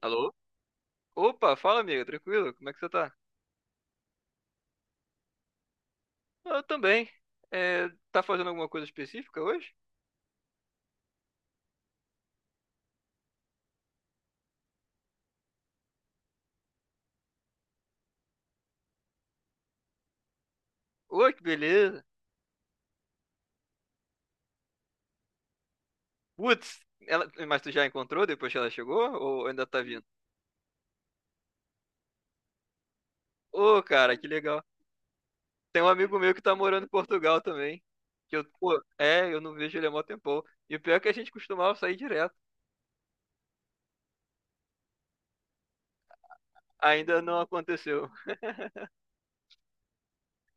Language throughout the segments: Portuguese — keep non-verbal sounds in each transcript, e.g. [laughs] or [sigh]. Alô? Opa, fala amiga, tranquilo? Como é que você tá? Ah, eu também. É, tá fazendo alguma coisa específica hoje? Oi, que beleza. Putz, ela... mas tu já encontrou depois que ela chegou? Ou ainda tá vindo? Ô, cara, que legal. Tem um amigo meu que tá morando em Portugal também. Que eu, pô, é, eu não vejo ele há mó tempão. E o pior é que a gente costumava sair direto. Ainda não aconteceu.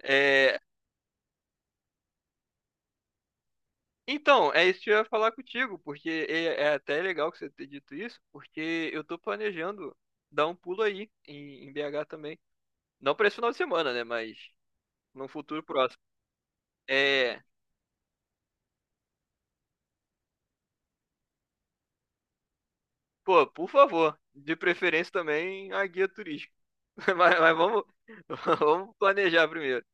É, então, é isso que eu ia falar contigo, porque é, é até legal que você ter dito isso, porque eu tô planejando dar um pulo aí em BH também. Não para esse final de semana, né? Mas num futuro próximo. É, pô, por favor, de preferência também a guia turística. [laughs] Mas vamos, [laughs] vamos planejar primeiro.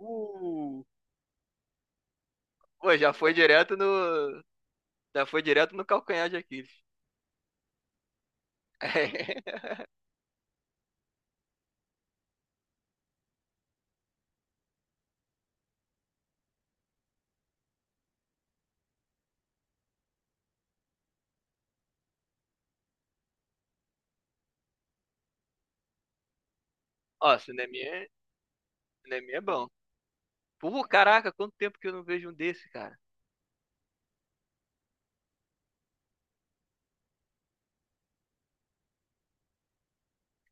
Uh, pô, já foi direto no, já foi direto no calcanhar de Aquiles. [laughs] Ó, cineminha é bom. Pô, caraca, quanto tempo que eu não vejo um desse, cara.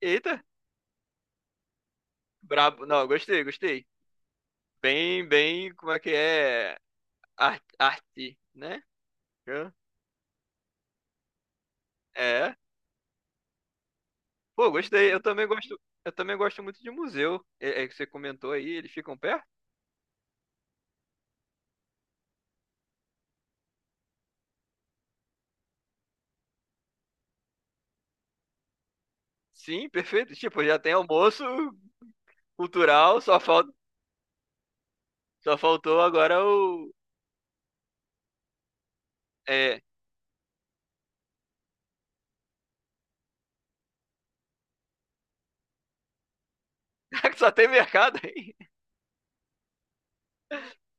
Eita! Brabo. Não, gostei, gostei. Bem, bem, como é que é? Ar- Arte, né? Hã? É. Pô, gostei. Eu também gosto muito de museu. É, é que você comentou aí, eles ficam perto? Sim, perfeito. Tipo, já tem almoço cultural, só falta, só faltou agora o é, [laughs] só tem mercado aí. [laughs]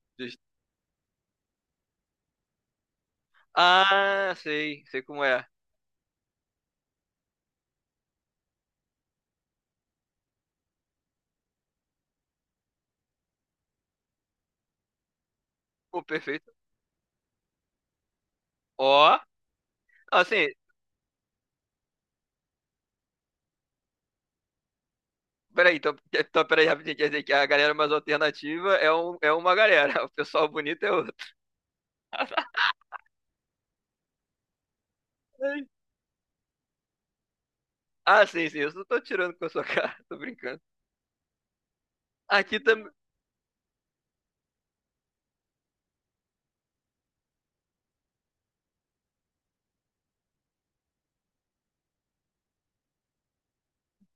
Ah, sei, sei como é. Pô, perfeito. Ó, assim, peraí, então, então peraí, rapidinho, quer dizer que a galera mais alternativa é, um, é uma galera, [laughs] o pessoal bonito é outro. [laughs] Ah, sim, sim, eu só tô tirando com a sua [laughs] cara, tô brincando. Aqui também,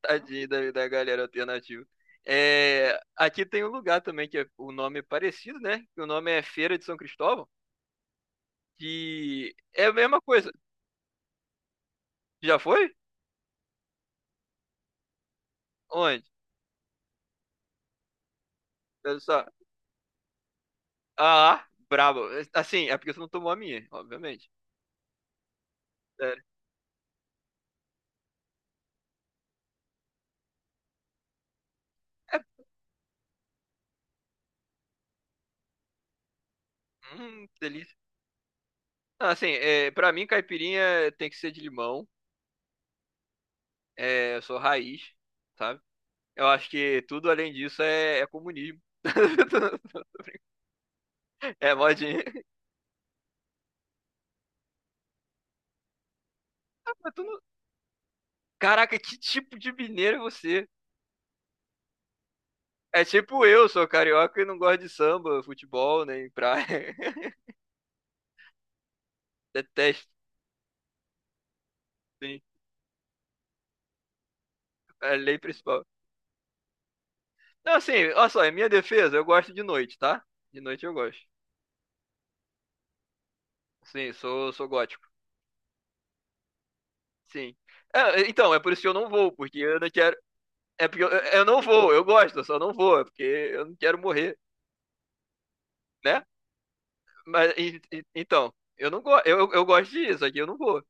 tadinho da, da galera alternativa. É, aqui tem um lugar também que é, o nome é parecido, né? Que o nome é Feira de São Cristóvão, que é a mesma coisa. Já foi? Onde? Olha só. Ah, brabo. Assim, é porque você não tomou a minha, obviamente. Sério. É, delícia. Não, assim, é, pra mim, caipirinha é, tem que ser de limão. É, eu sou raiz, sabe? Eu acho que tudo além disso é, é comunismo. [laughs] É modinha. Ah, mas tu não- Caraca, que tipo de mineiro é você? É tipo eu, sou carioca e não gosto de samba, futebol, nem praia. [laughs] Detesto, sim. É a lei principal. Não, assim, olha só, em minha defesa, eu gosto de noite, tá? De noite eu gosto. Sim, sou, sou gótico. Sim. É, então, é por isso que eu não vou, porque eu não quero. É porque eu não vou, eu gosto, eu só não vou, é porque eu não quero morrer, né? Mas e- então, eu não gosto, eu gosto disso, aqui eu não vou.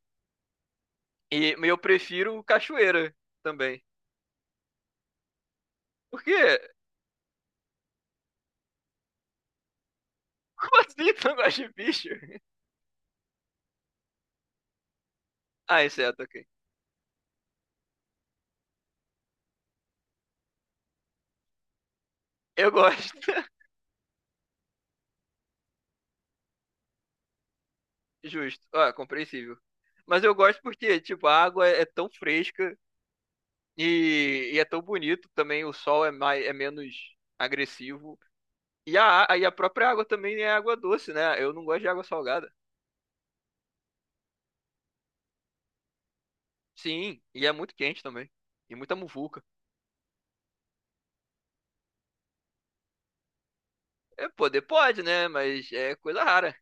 E eu prefiro cachoeira também. Por quê? [laughs] Como assim tu não gosta de bicho? [laughs] Ah, exceto, ok. Eu gosto. [laughs] Justo. Ah, compreensível. Mas eu gosto porque, tipo, a água é tão fresca e é tão bonito também, o sol é mais, é menos agressivo. E a- e a própria água também é água doce, né? Eu não gosto de água salgada. Sim, e é muito quente também. E muita muvuca. É, poder pode, né? Mas é coisa rara.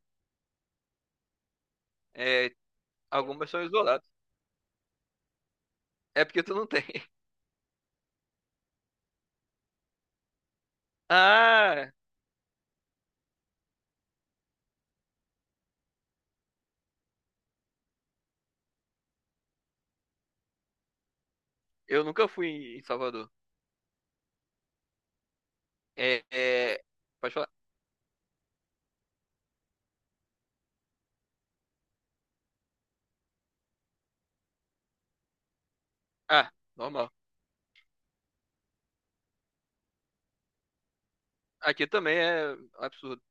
É, algumas são isoladas. É porque tu não tem. [laughs] Ah, eu nunca fui em Salvador. É, é, pode falar. Ah, normal. Aqui também é absurdo.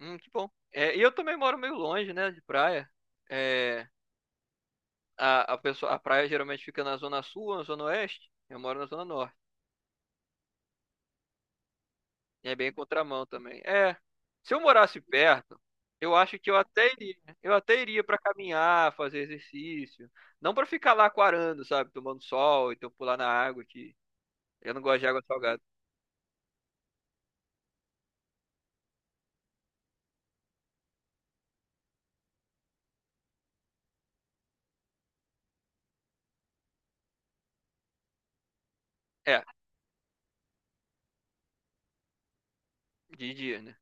Que bom. É, e eu também moro meio longe, né, de praia. É, a pessoa, a praia geralmente fica na zona sul, na zona oeste. Eu moro na zona norte. É bem contramão também. É, se eu morasse perto, eu acho que eu até iria. Eu até iria pra caminhar, fazer exercício, não pra ficar lá quarando, sabe, tomando sol, então pular na água que eu não gosto de água salgada. É, de dia, né?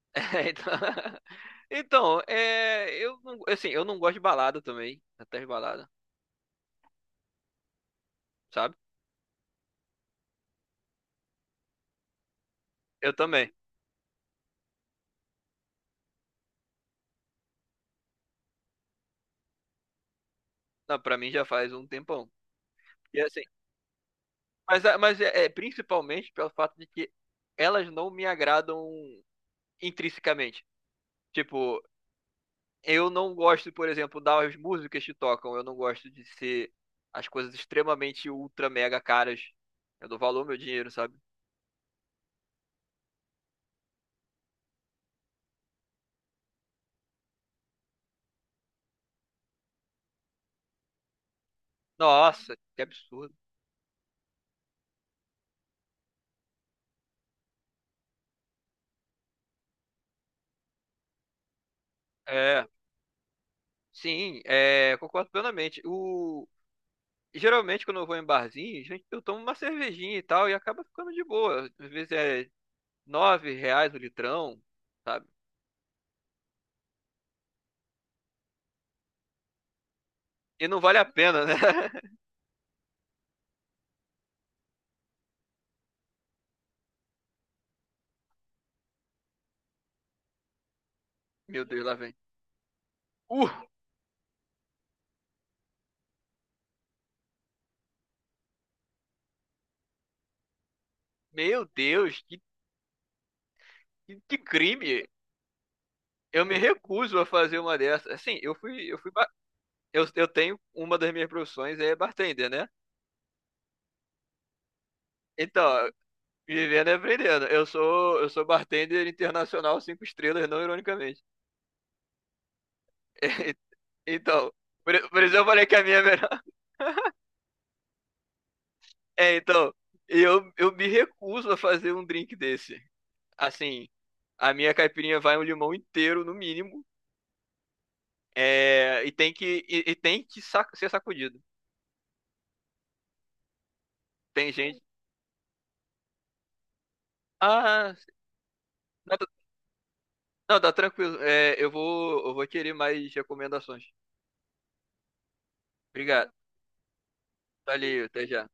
[laughs] É, então, [laughs] então, é, eu não, assim, eu não gosto de balada também, até de balada, sabe? Eu também. Não, para mim já faz um tempão. E assim, mas a- mas é principalmente pelo fato de que elas não me agradam intrinsecamente. Tipo, eu não gosto, por exemplo, das músicas que tocam. Eu não gosto de ser as coisas extremamente ultra mega caras. Eu dou valor ao meu dinheiro, sabe? Nossa, que absurdo. É, sim, é, concordo plenamente. O, geralmente, quando eu vou em barzinho, gente, eu tomo uma cervejinha e tal, e acaba ficando de boa. Às vezes é 9 reais o litrão, sabe? E não vale a pena, né? [laughs] Meu Deus, lá vem. Uh, meu Deus, que crime! Eu me recuso a fazer uma dessas. Assim, eu fui, ba- eu tenho uma das minhas profissões é bartender, né? Então, vivendo e aprendendo. Eu sou bartender internacional 5 estrelas, não ironicamente. [laughs] Então, por isso eu falei que a minha é melhor. É, então, eu me recuso a fazer um drink desse. Assim, a minha caipirinha vai um limão inteiro, no mínimo. É, e tem que sac- ser sacudido. Tem gente. Ah, não, tá tranquilo. É, eu vou querer mais recomendações. Obrigado. Valeu, até já.